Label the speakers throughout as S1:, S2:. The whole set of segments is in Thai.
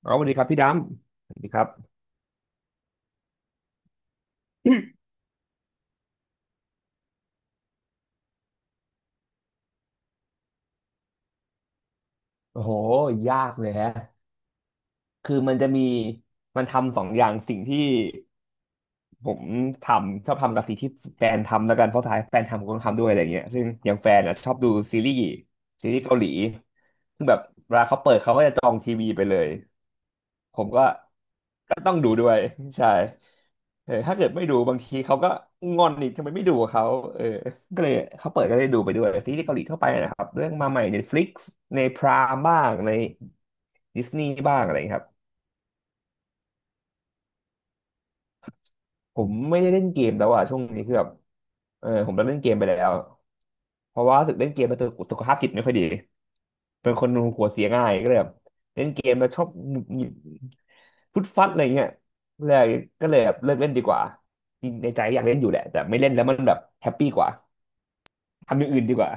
S1: เอาสวัสดีครับพี่ดำสวัสดีครับโอ้โห ยากเลยฮะคือมันจะมี มันทำสองอย่างสิ่งที่ผมทำชอบทำกับสิ่งที่แฟนทำแล้วกัน เพราะท้ายแฟนทำผมก็ทำด้วยอะไรเงี้ยซึ่งอย่างแฟนอ่ะชอบดูซีรีส์ ซีรีส์เกาหลี ซึ่งแบบเวลาเขาเปิดเขาก็จะจองทีวีไปเลย ผมก็ ต้องดูด้วยใช่เออถ้าเกิดไม่ดูบางทีเขาก็งอนอีกทำไมไม่ดูกับเขาเออก็เลยเขาเปิดก็ได้ดูไปด้วยซีรีส์เกาหลีทั่วไปนะครับเรื่องมาใหม่ใน Netflix ในพรามบ้างในดิสนีย์บ้างอะไรอย่างเงี้ยครับผมไม่ได้เล่นเกมแล้วอ่ะช่วงนี้คือแบบเออผมเลิกเล่นเกมไปแล้วเพราะว่ารู้สึกเล่นเกมมาสุขภาพจิตไม่ค่อยดี เป็นคนหัวเสียง่ายก็เลยแบบเล่นเกมแล้วชอบหงุดหงิดฟุดฟัดอะไรเงี้ยเลยก็เลยแบบเลิกเล่นดีกว่าจริงในใจอยากเล่นอยู่แหละแต่ไม่เล่นแล้วมันแบบแฮปปี้กว่าทำอย่างอื่นดีกว่า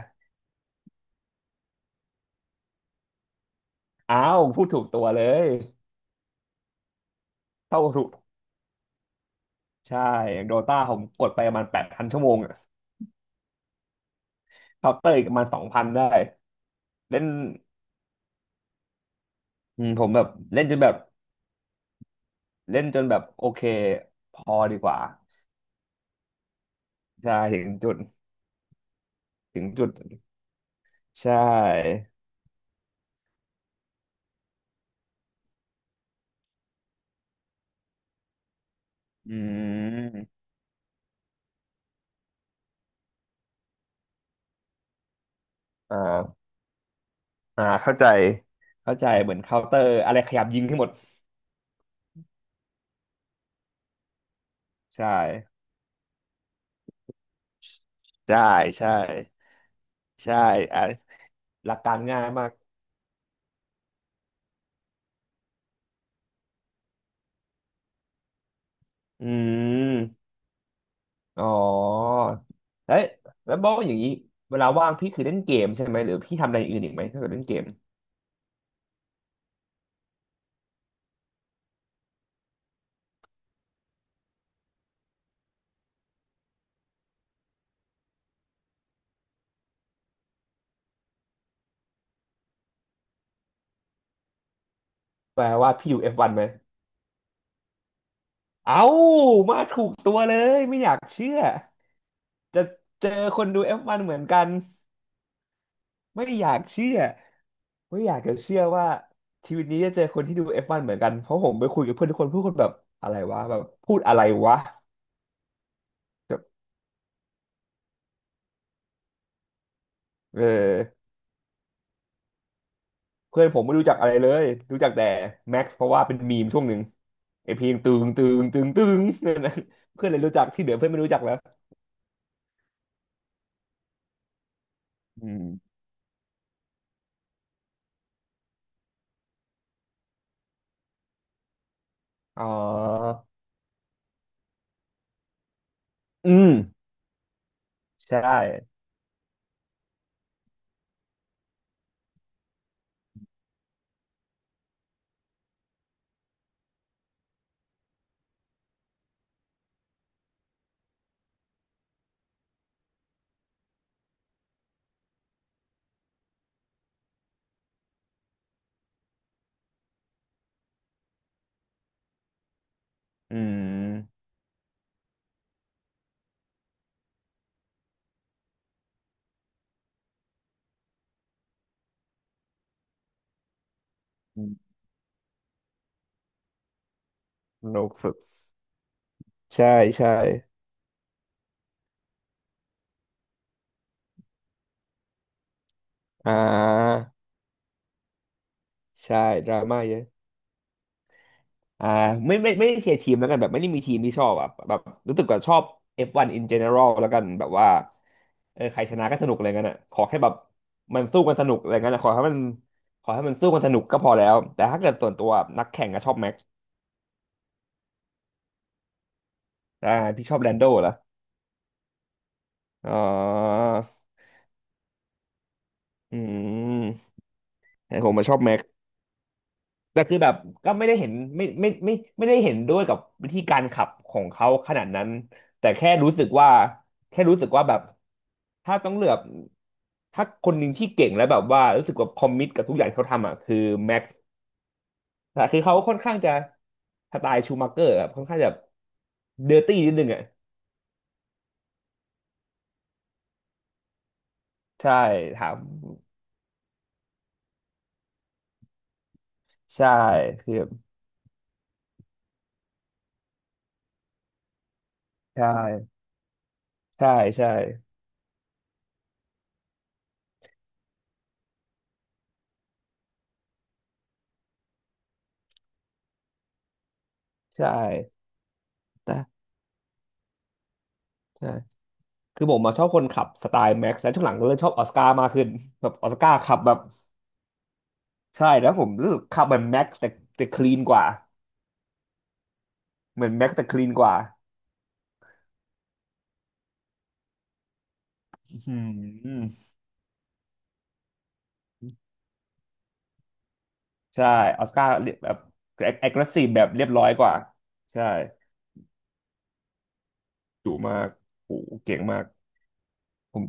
S1: อ้าวพูดถูกตัวเลยเข้าถูกใช่อย่างโดตาผมกดไปประมาณ8,000ชั่วโมงอะเคาน์เตอร์อีกประมาณสองพันได้เล่นอืมผมแบบเล่นจนแบบเล่นจนแบบโอเคพอดีกว่าใช่ถึงจุดถึงจุดใช่อืมอ่า อ่าเข้าใจเข้าใจเหมือนเคาน์เตอร์อะไรขยับยิงให้หมดใช่ใช่ใช่ใช่อ่ะหลักการง่ายมากอืมอ๋อเอ้ยแล้วบอกอย่างนี้เวลาว่างพี่คือเล่นเกมใช่ไหมหรือพี่ทำอะไรอื่นอีกไหมถ้าเกิดเล่นเกมแปลว่าพี่อยู่ F1 ไหมเอ้ามาถูกตัวเลยไม่อยากเชื่อจะเจอคนดู F1 เหมือนกัน ไม่อยากเชื่อไม่อยากจะเชื่อว่าชีวิตนี้จะเจอคนที่ดู F1 เหมือนกันเพราะผมไปคุยกับเพื่อนทุกคนพูดคนแบบอะไรวะแบบพูดอะไรวะแบบเออเพื่อนผมไม่รู้จักอะไรเลยรู้จักแต่แม็กซ์เพราะว่าเป็นมีมช่วงหนึ่งไอเพลงตึงตึงตึงตึง นั่นนะเพื่อนเลยรู้จักที่เหลือเพื่อนไม่รู้จักแล้วอืมอ๋ออืมใช่อืมโลกสุดใช่ใช่อ่าใช่ดราม่าเยอะ อ่าไม่ไม่ไม่ได้เชียร์ทีมแล้วกันแบบไม่ได้มีทีมที่ชอบอ่ะแบบรู้สึกว่าชอบ F1 in general แล้วกันแบบว่าเออใครชนะก็สนุกอะไรเงี้ยน่ะขอแค่แบบมันสู้กันสนุกอะไรเงี้ยน่ะขอให้มันขอให้มันสู้กันสนุกก็พอแล้วแต่ถ้าเกิดส่วนตัวนักแข่งก็ชอบแม็กซ์อ่าพี่ชอบแลนโดเหรออ๋ออืมแต่ผมมาชอบแม็ก แต่คือแบบก็ไม่ได้เห็นไม่ได้เห็นด้วยกับวิธีการขับของเขาขนาดนั้นแต่แค่รู้สึกว่าแค่รู้สึกว่าแบบถ้าต้องเลือกถ้าคนหนึ่งที่เก่งแล้วแบบว่ารู้สึกว่าคอมมิตกับทุกอย่างที่เขาทำอ่ะคือแม็กแต่คือเขาค่อนข้างจะสไตล์ชูมัเกอร์อะค่อนข้างจะเดอร์ตี้นิดนึงอ่ะใช่ถามใช่คือใช่ใช่ใช่ใช่แต่ใช่ คือผมมาชอบคนขับสไตล์แม็กซ์และช่วงหลังก็เริ่มชอบออสการ์มากขึ้นแบบออสการ์ขับแบบใช่แล้วผมรู้สึกขับแบบแม็กซ์แต่แต่คลีนกว่าเหมือนแม็กซ์แต่คลีนกว่าอืมใช่ออสการ์แบบแอคทีฟแบบเรียบร้อยกว่าใช่ดุมากโอ้โหเก่งมากผม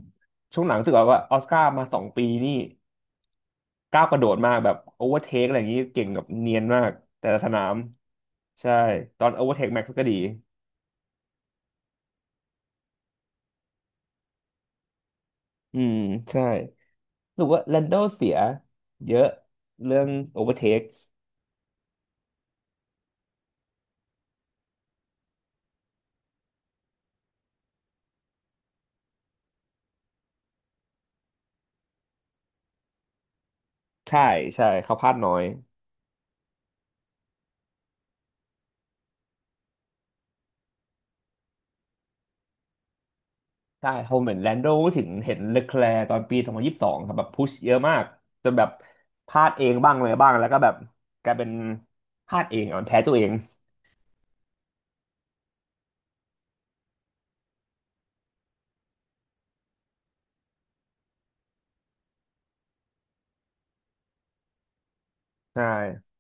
S1: ช่วงหลังรู้สึกว่าออสการ์มาสองปีนี่ก้าวกระโดดมากแบบโอเวอร์เทคอะไรอย่างนี้เก่งแบบเนียนมากแต่ละสนามใช่ตอนโอเวอร์เทคแม็กซ์ก็ดีอืมใช่ รู้สึกว่าแลนโดเสียเยอะเรื่องโอเวอร์เทคใช่ใช่เขาพลาดน้อยใช่เขาเหมือนแลนโดถึงเห็นเล c l คลร์ตอนปีสองพันยี่สิบส2 2ครับแบบพุชเยอะมากจนแบบพลาดเองบ้างเลยบ้างแล้วก็แบบกลายเป็นพลาดเองอ่อนแพ้ตัวเองใช่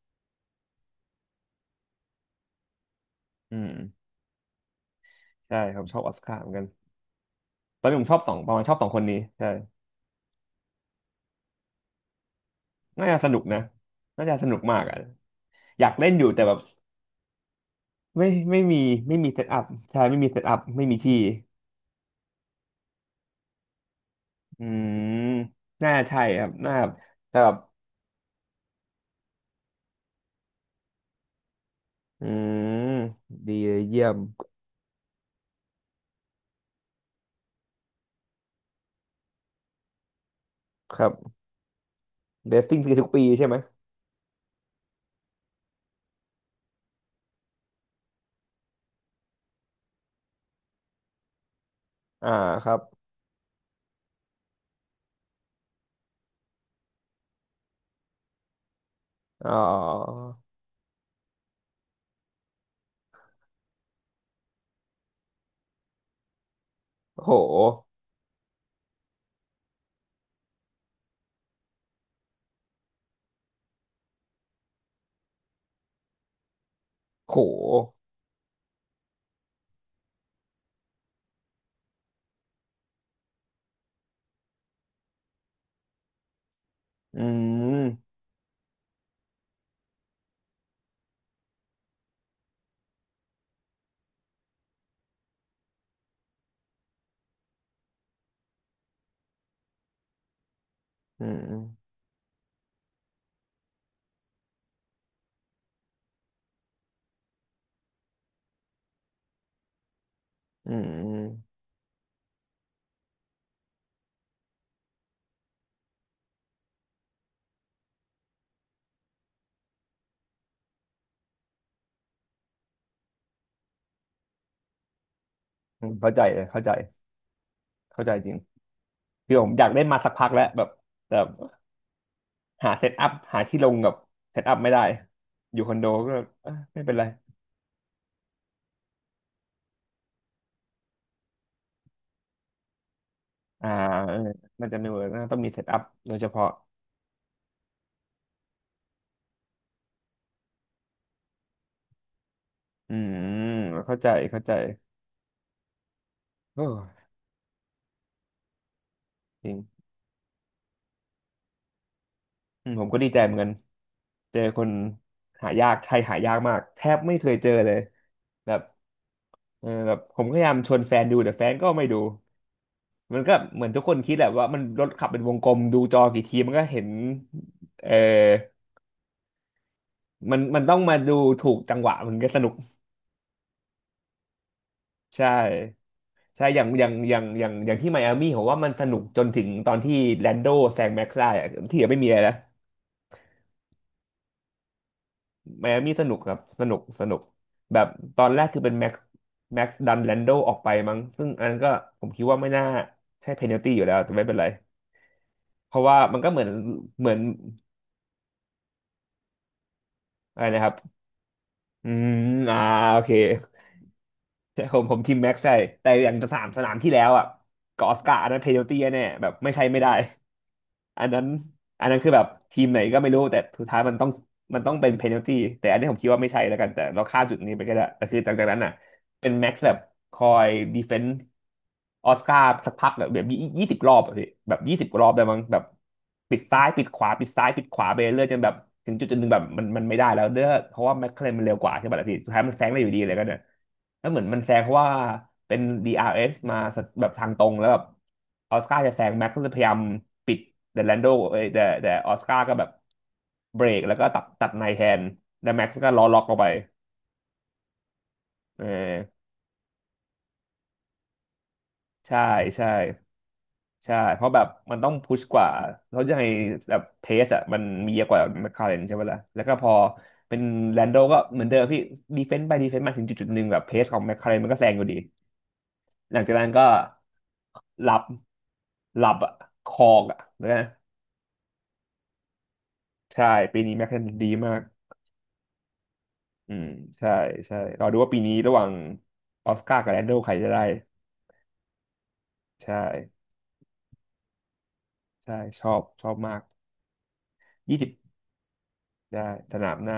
S1: อืมใช่ผมชอบออสการ์เหมือนกันตอนนี้ผมชอบสองประมาณชอบสองคนนี้ใช่น่าจะสนุกนะน่าจะสนุกมากอ่ะอยากเล่นอยู่แต่แบบไม่ไม่มีไม่มีเซตอัพใช่ไม่มีเซตอัพไม่มีที่ อืมน่าใช่ครับน่าแต่แบบอืมดีเลยเยี่ยมครับเดซซิ่งทุกปีใช่ไหมอ่าครับอ๋อโหโหอืมอืมอืมอืมอืมเข้าใจเลยเข้าใจเข้าใจจริงคือผมอยากได้มาสักพักแล้วแบบแต่หาเซตอัพหาที่ลงกับเซตอัพไม่ได้ อยู่คอนโดก็เอ้ยไม่เป็นไรอ่าเออมันจะไม่เวิร์กนะต้องมีเซตอัพโดยเฉพาะอืมเข้าใจเข้าใจ เออจริงอืมผมก็ดีใจเหมือนกันเจอคนหายากไทยหายากมากแทบไม่เคยเจอเลยแบบเออแบบผมพยายามชวนแฟนดูแต่แฟนก็ไม่ดูมันก็เหมือนทุกคนคิดแหละว่ามันรถขับเป็นวงกลมดูจอกี่ทีมันก็เห็นเออมันมันต้องมาดูถูกจังหวะมันก็สนุกใช่ใช่อย่างอย่างอย่างอย่างอย่างที่ไมอามี่ผมว่ามันสนุกจนถึงตอนที่แลนโดแซงแม็กซ์ได้อะที่เหลือไม่มีอะไรแล้ว ไมอามี่สนุกครับสนุกสนุกแบบตอนแรกคือเป็นแม็กแม็กดันแลนโดออกไปมั้งซึ่งอันนั้นก็ผมคิดว่าไม่น่าใช่เพนัลตี้อยู่แล้วแต่ไม่เป็นไรเพราะว่ามันก็เหมือนเหมือนอะไรนะครับอืมอ่าโอเคใช่ผมทีมแม็กใช่แต่อย่างสนามที่แล้วอ่ะกับออสการ์อันนั้นเพนัลตี้แน่ๆแบบไม่ใช่ไม่ได้อันนั้นคือแบบทีมไหนก็ไม่รู้แต่สุดท้ายมันต้องเป็นเพนัลตี้แต่อันนี้ผมคิดว่าไม่ใช่แล้วกันแต่เราข้ามจุดนี้ไปก็ได้แต่คือจากนั้นอ่ะ เป็นแม็กซ์แบบคอยดีเฟนส์ออสการ์สักพักอะแบบยี่สิบรอบอะพี่แบบยี่สิบรอบได้มั้งแบบปิดซ้ายปิดขวาปิดซ้ายปิดขวาไปเรื่อยจนแบบถึงจุดหนึ่งแบบมันไม่ได้แล้วเด้อเพราะว่าแม็กเคลนมันเร็วกว่าใช่ป่ะล่ะพี่สุดท้ายมันแซงได้อยู่ดีเลยก็เนี่ยแล้วเหมือนมันแซงเพราะว่าเป็น DRS มาแบบทางตรงแล้วแบบออสการ์จะแซงแม็กซ์ก็เลยพยายามปิดแต่แลนโดเอ้ยแต่ออสการ์ก็แบบเบรกแล้วก็ตัดในแทนแล้วแม็กซ์ก็ล้อล็อกลงไปเออใช่ใช่ ใช่เพราะแบบมันต้องพุชกว่าเพราะยังไงแบบเทสอะมันมีเยอะกว่าแมคลาเรนใช่ไหมล่ะแล้วก็พอเป็นแลนโดก็เหมือนเดิมพี่ดีเฟนซ์ไปดีเฟนซ์มาถึงจุดหนึ่งแบบเพสของแมคลาเรนมันก็แซงอยู่ดีหลังจากนั้นก็หลับหลับอะคอกอะนะใช่ปีนี้แมคลาเรนดีมากอืมใช่ใช่รอดูว่าปีนี้ระหว่างออสการ์กับแลนโดใครจะได้ใช่ใช่ชอบชอบมากยี่สิบได้สนามหน้า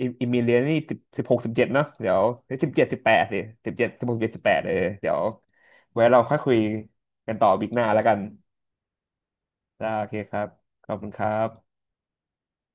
S1: อิมิเลียนนี่สิบสิบหกสิบเจ็ดเนาะเดี๋ยวสิบเจ็ดสิบแปดสิสิบเจ็ดสิบหกสิบเจ็ดสิบแปดเออเดี๋ยวไว้เราค่อยคุยกันต่อบิ๊กหน้าแล้วกันได้โอเคครับขอบคุณครับ